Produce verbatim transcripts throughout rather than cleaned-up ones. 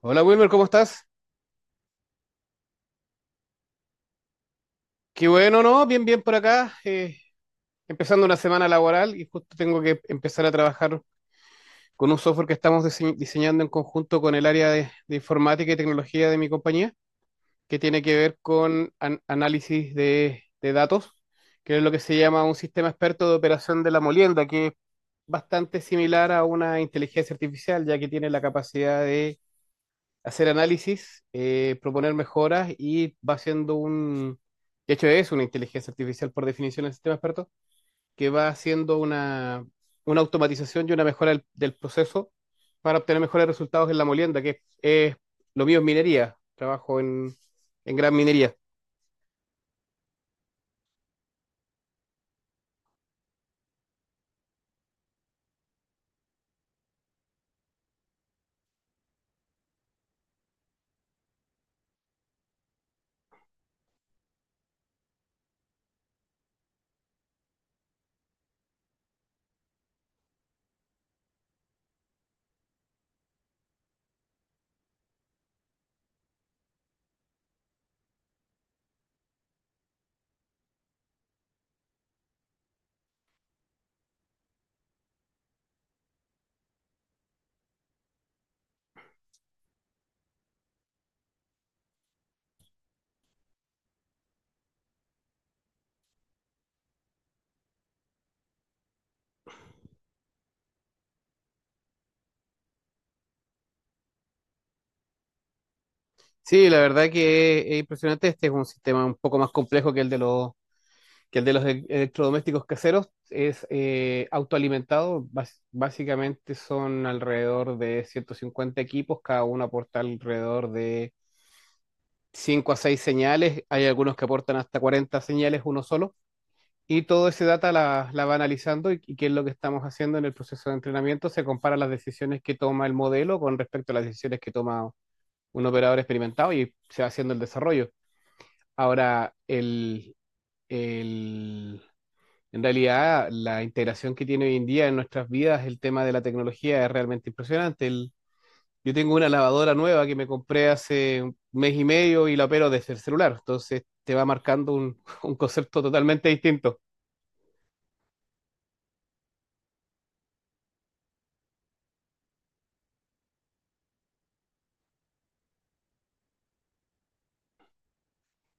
Hola Wilmer, ¿cómo estás? Qué bueno, ¿no? Bien, bien por acá. Eh, empezando una semana laboral y justo tengo que empezar a trabajar con un software que estamos dise- diseñando en conjunto con el área de, de informática y tecnología de mi compañía, que tiene que ver con an- análisis de, de datos, que es lo que se llama un sistema experto de operación de la molienda, que es bastante similar a una inteligencia artificial, ya que tiene la capacidad de hacer análisis, eh, proponer mejoras y va haciendo un, de hecho es una inteligencia artificial por definición del sistema experto, que va haciendo una, una automatización y una mejora del, del proceso para obtener mejores resultados en la molienda, que es, lo mío es minería, trabajo en, en gran minería. Sí, la verdad que es, es impresionante, este es un sistema un poco más complejo que el de los que el de los e- electrodomésticos caseros es eh, autoalimentado. Bas- básicamente son alrededor de ciento cincuenta equipos, cada uno aporta alrededor de cinco a seis señales. Hay algunos que aportan hasta cuarenta señales, uno solo. Y todo ese data la, la va analizando y, y qué es lo que estamos haciendo en el proceso de entrenamiento. Se compara las decisiones que toma el modelo con respecto a las decisiones que toma un operador experimentado y se va haciendo el desarrollo. Ahora, el, el, en realidad, la integración que tiene hoy en día en nuestras vidas el tema de la tecnología es realmente impresionante. El- yo tengo una lavadora nueva que me compré hace un mes y medio y la opero desde el celular, entonces te va marcando un, un concepto totalmente distinto.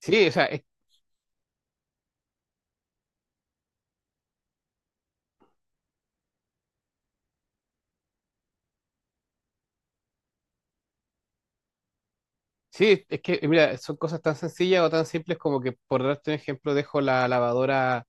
Sí, o sea, es, sí, es que, mira, son cosas tan sencillas o tan simples como que, por darte un ejemplo, dejo la lavadora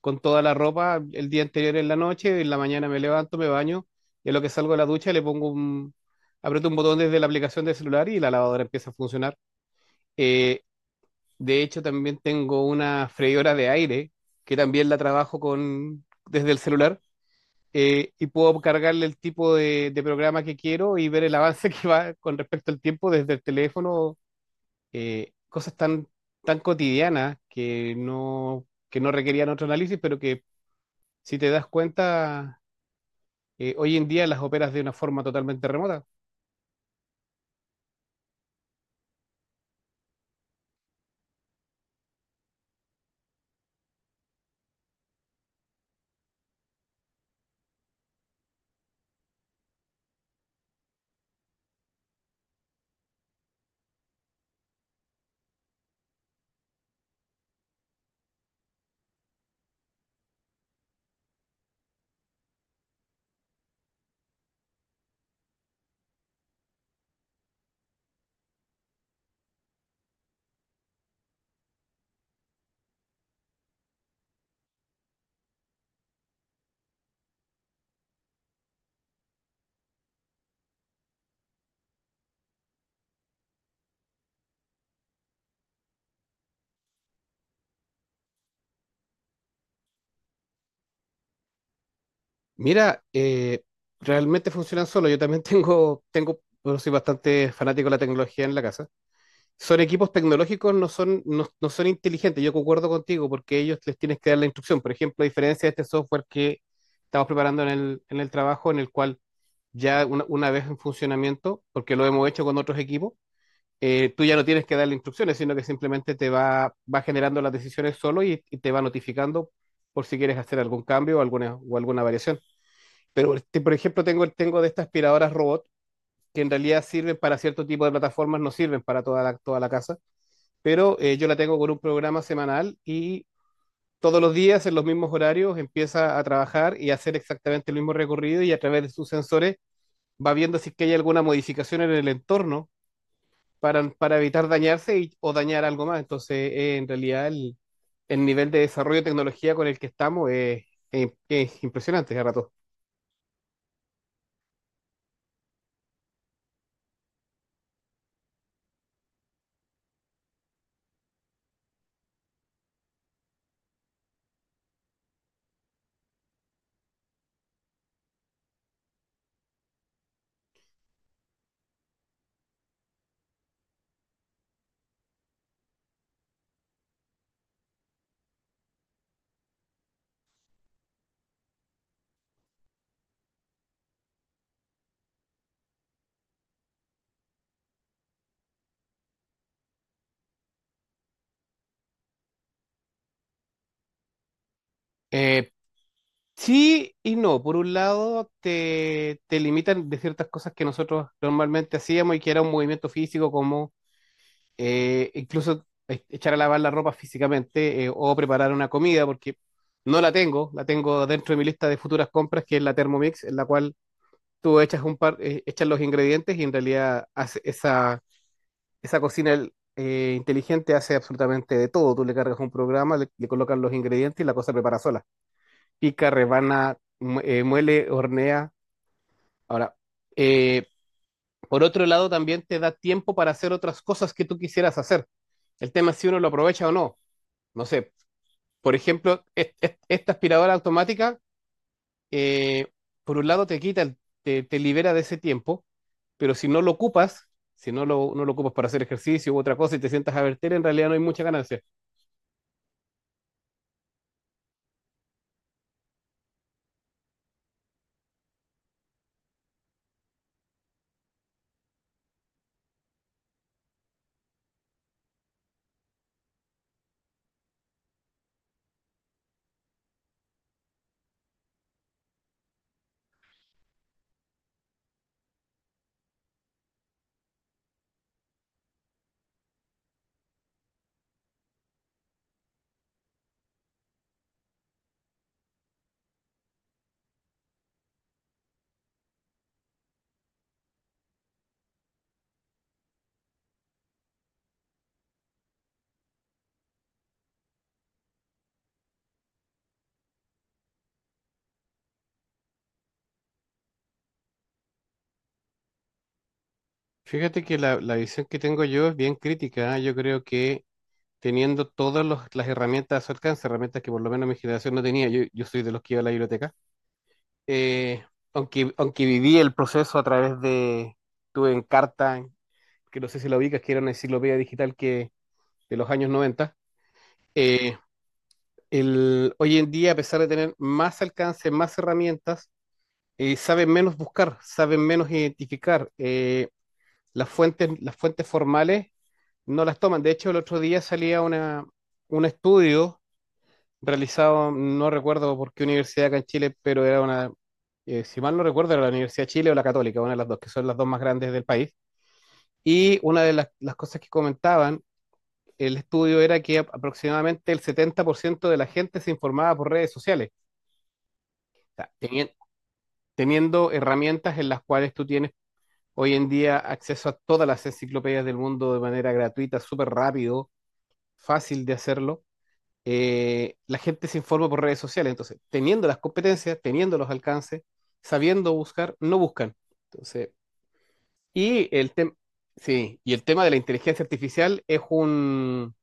con toda la ropa el día anterior en la noche, en la mañana me levanto, me baño, y a lo que salgo de la ducha le pongo un, aprieto un botón desde la aplicación del celular y la lavadora empieza a funcionar. Eh, de hecho, también tengo una freidora de aire que también la trabajo con, desde el celular, eh, y puedo cargarle el tipo de, de programa que quiero y ver el avance que va con respecto al tiempo desde el teléfono. Eh, cosas tan, tan cotidianas que no, que no requerían otro análisis, pero que si te das cuenta, eh, hoy en día las operas de una forma totalmente remota. Mira, eh, realmente funcionan solo. Yo también tengo, tengo, bueno, soy bastante fanático de la tecnología en la casa. Son equipos tecnológicos, no son, no, no son inteligentes. Yo concuerdo contigo porque ellos les tienes que dar la instrucción. Por ejemplo, a diferencia de este software que estamos preparando en el, en el trabajo, en el cual ya una, una vez en funcionamiento, porque lo hemos hecho con otros equipos, eh, tú ya no tienes que darle instrucciones, sino que simplemente te va, va generando las decisiones solo y, y te va notificando por si quieres hacer algún cambio o alguna, o alguna variación. Pero, este, por ejemplo, tengo, tengo de estas aspiradoras robot que en realidad sirven para cierto tipo de plataformas, no sirven para toda la, toda la casa, pero eh, yo la tengo con un programa semanal y todos los días en los mismos horarios empieza a trabajar y a hacer exactamente el mismo recorrido y a través de sus sensores va viendo si es que hay alguna modificación en el entorno para, para evitar dañarse y- o dañar algo más. Entonces, eh, en realidad, el, el nivel de desarrollo de tecnología con el que estamos es, es- es impresionante, a rato. Eh, sí y no. Por un lado, te, te limitan de ciertas cosas que nosotros normalmente hacíamos y que era un movimiento físico, como eh, incluso e- echar a lavar la ropa físicamente, eh, o preparar una comida, porque no la tengo, la tengo dentro de mi lista de futuras compras, que es la Thermomix, en la cual tú echas un par, eh, echas los ingredientes y en realidad hace esa, esa cocina el- eh, inteligente hace absolutamente de todo. Tú le cargas un programa, le, le colocas los ingredientes y la cosa prepara sola. Pica, rebana, mu- eh, muele, hornea. Ahora, eh, por otro lado, también te da tiempo para hacer otras cosas que tú quisieras hacer. El tema es si uno lo aprovecha o no. No sé, por ejemplo, es- es- esta aspiradora automática, eh, por un lado te quita, el- te, te libera de ese tiempo, pero si no lo ocupas, si no lo, no lo ocupas para hacer ejercicio u otra cosa y te sientas a verter, en realidad no hay mucha ganancia. Fíjate que la, la visión que tengo yo es bien crítica. ¿Eh? Yo creo que teniendo todas los- las herramientas a su alcance, herramientas que por lo menos mi generación no tenía, yo, yo soy de los que iba a la biblioteca, eh, aunque, aunque viví el proceso a través de, tuve Encarta, que no sé si la ubicas, que era una enciclopedia digital que, de los años noventa, el, hoy en día, a pesar de tener más alcance, más herramientas, eh, saben menos buscar, saben menos identificar. Eh, las fuentes, las fuentes formales no las toman. De hecho, el otro día salía una, un estudio realizado, no recuerdo por qué universidad acá en Chile, pero era una, eh, si mal no recuerdo, era la Universidad de Chile o la Católica, una de las dos, que son las dos más grandes del país. Y una de las, las cosas que comentaban el estudio era que ap- aproximadamente el setenta por ciento de la gente se informaba por redes sociales. sea, tenien- Teniendo herramientas en las cuales tú tienes hoy en día acceso a todas las enciclopedias del mundo de manera gratuita, súper rápido, fácil de hacerlo, eh, la gente se informa por redes sociales. Entonces, teniendo las competencias, teniendo los alcances, sabiendo buscar, no buscan. Entonces, y el tema, sí, y el tema de la inteligencia artificial es un,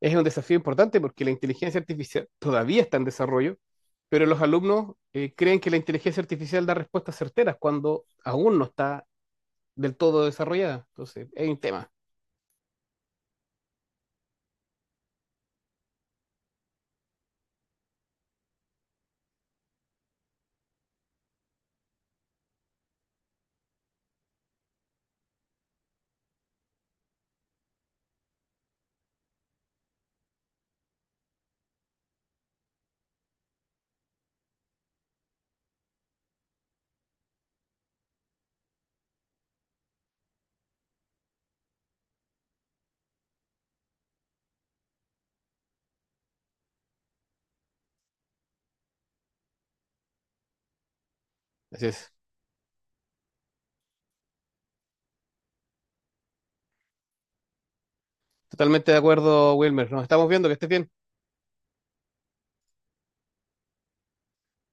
es un desafío importante porque la inteligencia artificial todavía está en desarrollo, pero los alumnos eh, creen que la inteligencia artificial da respuestas certeras cuando aún no está del todo desarrollada. Entonces, es un tema. Así es. Totalmente de acuerdo, Wilmer. Nos estamos viendo, que estés bien.